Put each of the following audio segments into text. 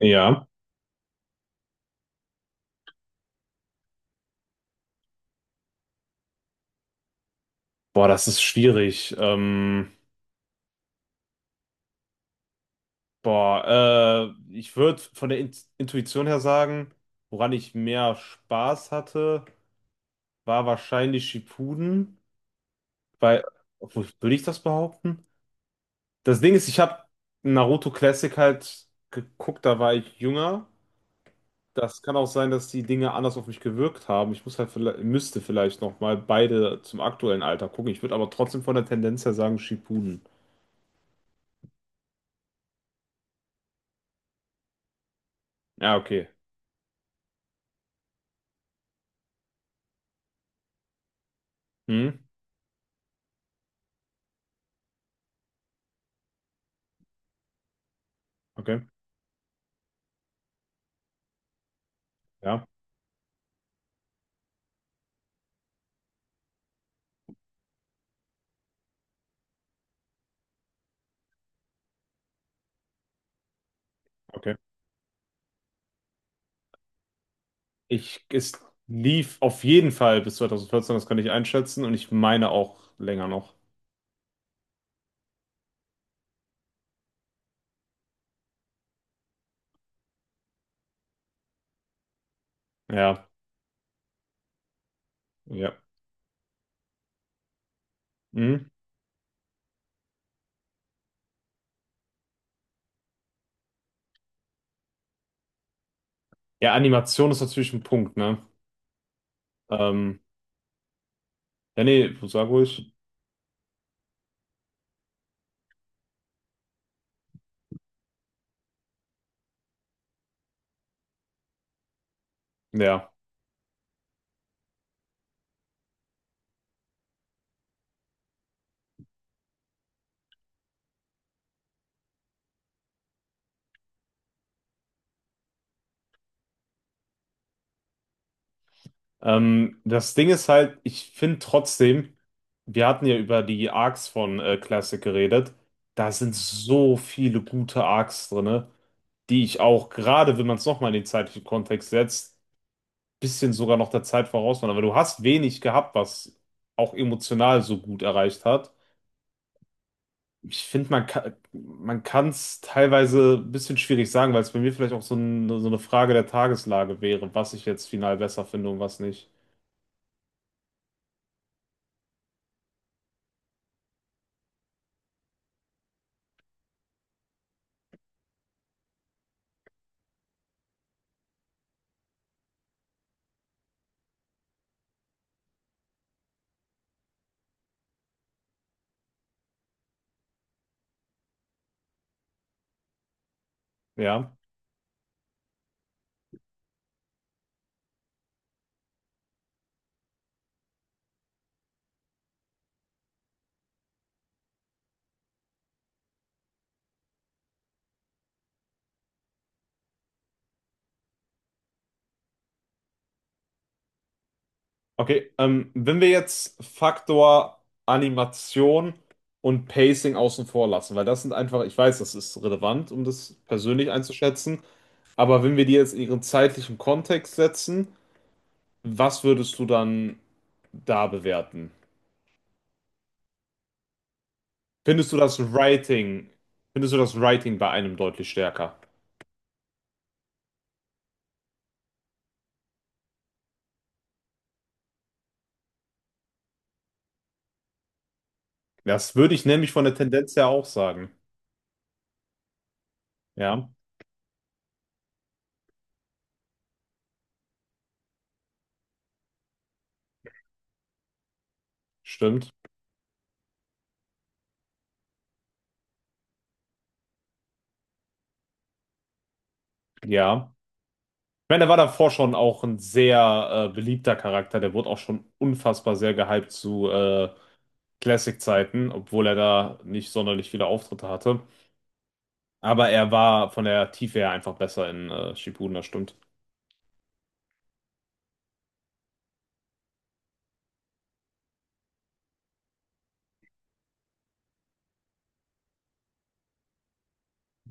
Ja, boah, das ist schwierig. Ich würde von der Intuition her sagen, woran ich mehr Spaß hatte, war wahrscheinlich Shippuden, weil, obwohl, würde ich das behaupten? Das Ding ist, ich habe Naruto Classic halt geguckt, da war ich jünger. Das kann auch sein, dass die Dinge anders auf mich gewirkt haben. Ich muss halt, müsste vielleicht noch mal beide zum aktuellen Alter gucken. Ich würde aber trotzdem von der Tendenz her sagen Shippuden. Ja, okay. Hm, okay. Ja, okay. Es lief auf jeden Fall bis 2014, das kann ich einschätzen. Und ich meine auch länger noch. Ja, ja. Mhm. Ja, Animation ist natürlich ein Punkt, ne? Ähm, ja, nee, sag ruhig. Ja. Das Ding ist halt, ich finde trotzdem, wir hatten ja über die Arcs von Classic geredet. Da sind so viele gute Arcs drin, die ich auch, gerade wenn man es nochmal in den zeitlichen Kontext setzt, bisschen sogar noch der Zeit voraus waren, aber du hast wenig gehabt, was auch emotional so gut erreicht hat. Ich finde, man kann es teilweise ein bisschen schwierig sagen, weil es bei mir vielleicht auch so, ein, so eine Frage der Tageslage wäre, was ich jetzt final besser finde und was nicht. Ja. Okay, wenn wir jetzt Faktor Animation und Pacing außen vor lassen, weil das sind einfach, ich weiß, das ist relevant, um das persönlich einzuschätzen, aber wenn wir die jetzt in ihren zeitlichen Kontext setzen, was würdest du dann da bewerten? Findest du das Writing, Findest du das Writing bei einem deutlich stärker? Das würde ich nämlich von der Tendenz her auch sagen. Ja, stimmt. Ja. Ich meine, der war davor schon auch ein sehr beliebter Charakter. Der wurde auch schon unfassbar sehr gehypt zu Classic-Zeiten, obwohl er da nicht sonderlich viele Auftritte hatte. Aber er war von der Tiefe her einfach besser in Shippuden, das stimmt.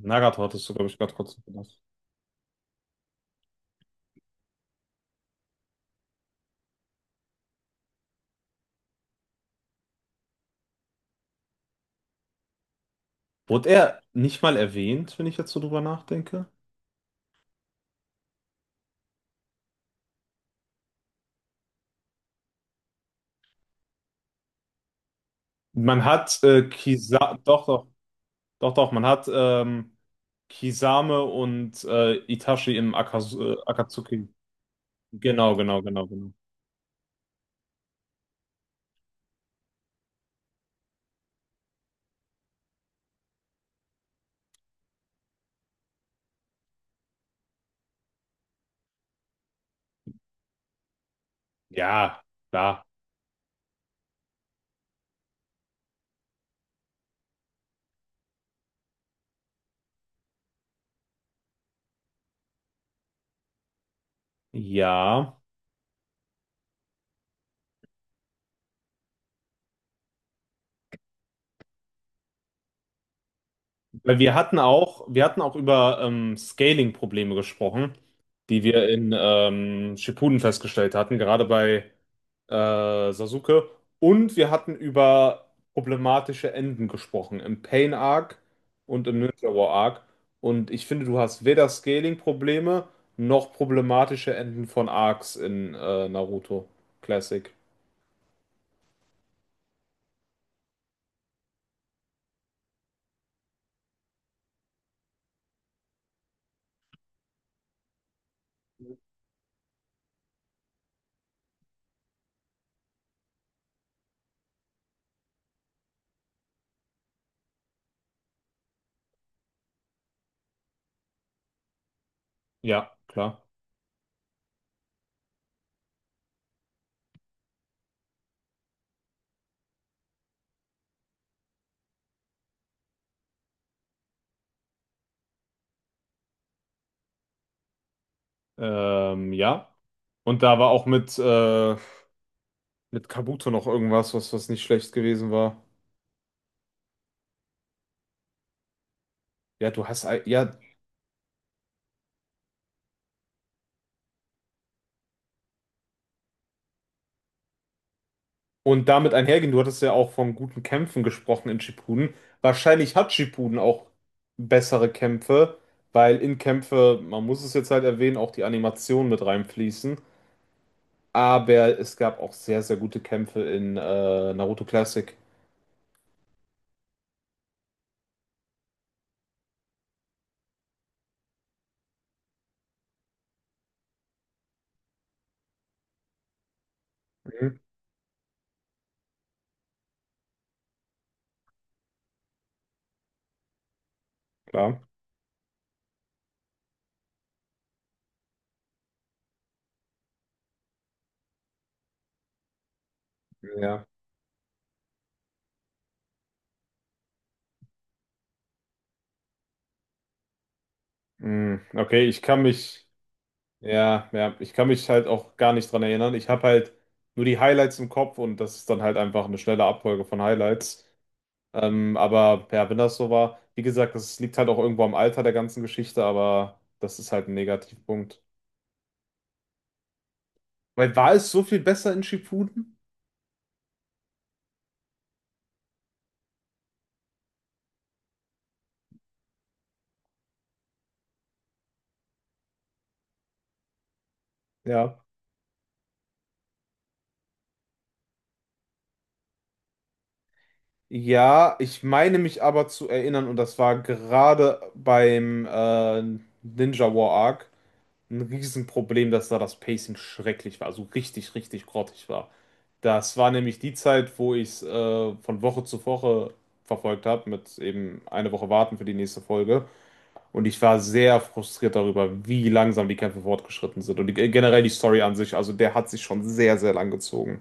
Nagato hattest du, glaube ich, gerade kurz. Wurde er nicht mal erwähnt, wenn ich jetzt so drüber nachdenke? Man hat Kisa man hat Kisame und Itachi im Akaz Akatsuki. Genau, genau, genau, genau. Ja, klar. Ja, weil wir hatten auch über Scaling-Probleme gesprochen, die wir in Shippuden festgestellt hatten, gerade bei Sasuke. Und wir hatten über problematische Enden gesprochen, im Pain Arc und im Ninja War Arc. Und ich finde, du hast weder Scaling-Probleme noch problematische Enden von Arcs in Naruto Classic. Ja, klar. Ja. Und da war auch mit Kabuto noch irgendwas, was nicht schlecht gewesen war. Ja, du hast, ei- ja, Und damit einhergehend, du hattest ja auch von guten Kämpfen gesprochen in Shippuden. Wahrscheinlich hat Shippuden auch bessere Kämpfe, weil in Kämpfe, man muss es jetzt halt erwähnen, auch die Animationen mit reinfließen. Aber es gab auch sehr, sehr gute Kämpfe in Naruto Classic. Mhm, klar, ja. Mhm, okay, ich kann mich, ja, ich kann mich halt auch gar nicht dran erinnern. Ich habe halt nur die Highlights im Kopf und das ist dann halt einfach eine schnelle Abfolge von Highlights. Aber ja, wenn das so war, wie gesagt, das liegt halt auch irgendwo am Alter der ganzen Geschichte, aber das ist halt ein Negativpunkt. Weil war es so viel besser in Shippuden? Ja. Ja, ich meine mich aber zu erinnern, und das war gerade beim Ninja War Arc ein Riesenproblem, dass da das Pacing schrecklich war, also richtig, richtig grottig war. Das war nämlich die Zeit, wo ich es von Woche zu Woche verfolgt habe, mit eben eine Woche warten für die nächste Folge. Und ich war sehr frustriert darüber, wie langsam die Kämpfe fortgeschritten sind. Und die, generell die Story an sich, also der hat sich schon sehr, sehr lang gezogen.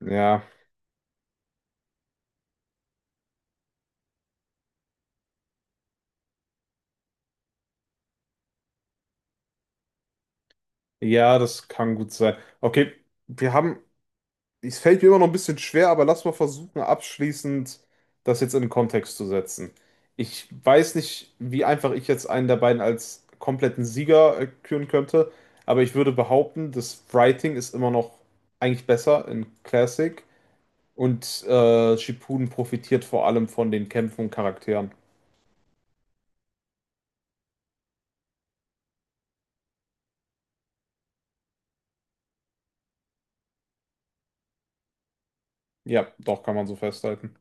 Ja, ja, das kann gut sein. Okay, wir haben, es fällt mir immer noch ein bisschen schwer, aber lass mal versuchen, abschließend das jetzt in den Kontext zu setzen. Ich weiß nicht, wie einfach ich jetzt einen der beiden als kompletten Sieger küren könnte, aber ich würde behaupten, das Writing ist immer noch eigentlich besser in Classic. Und Shippuden profitiert vor allem von den Kämpfen und Charakteren. Ja, doch, kann man so festhalten.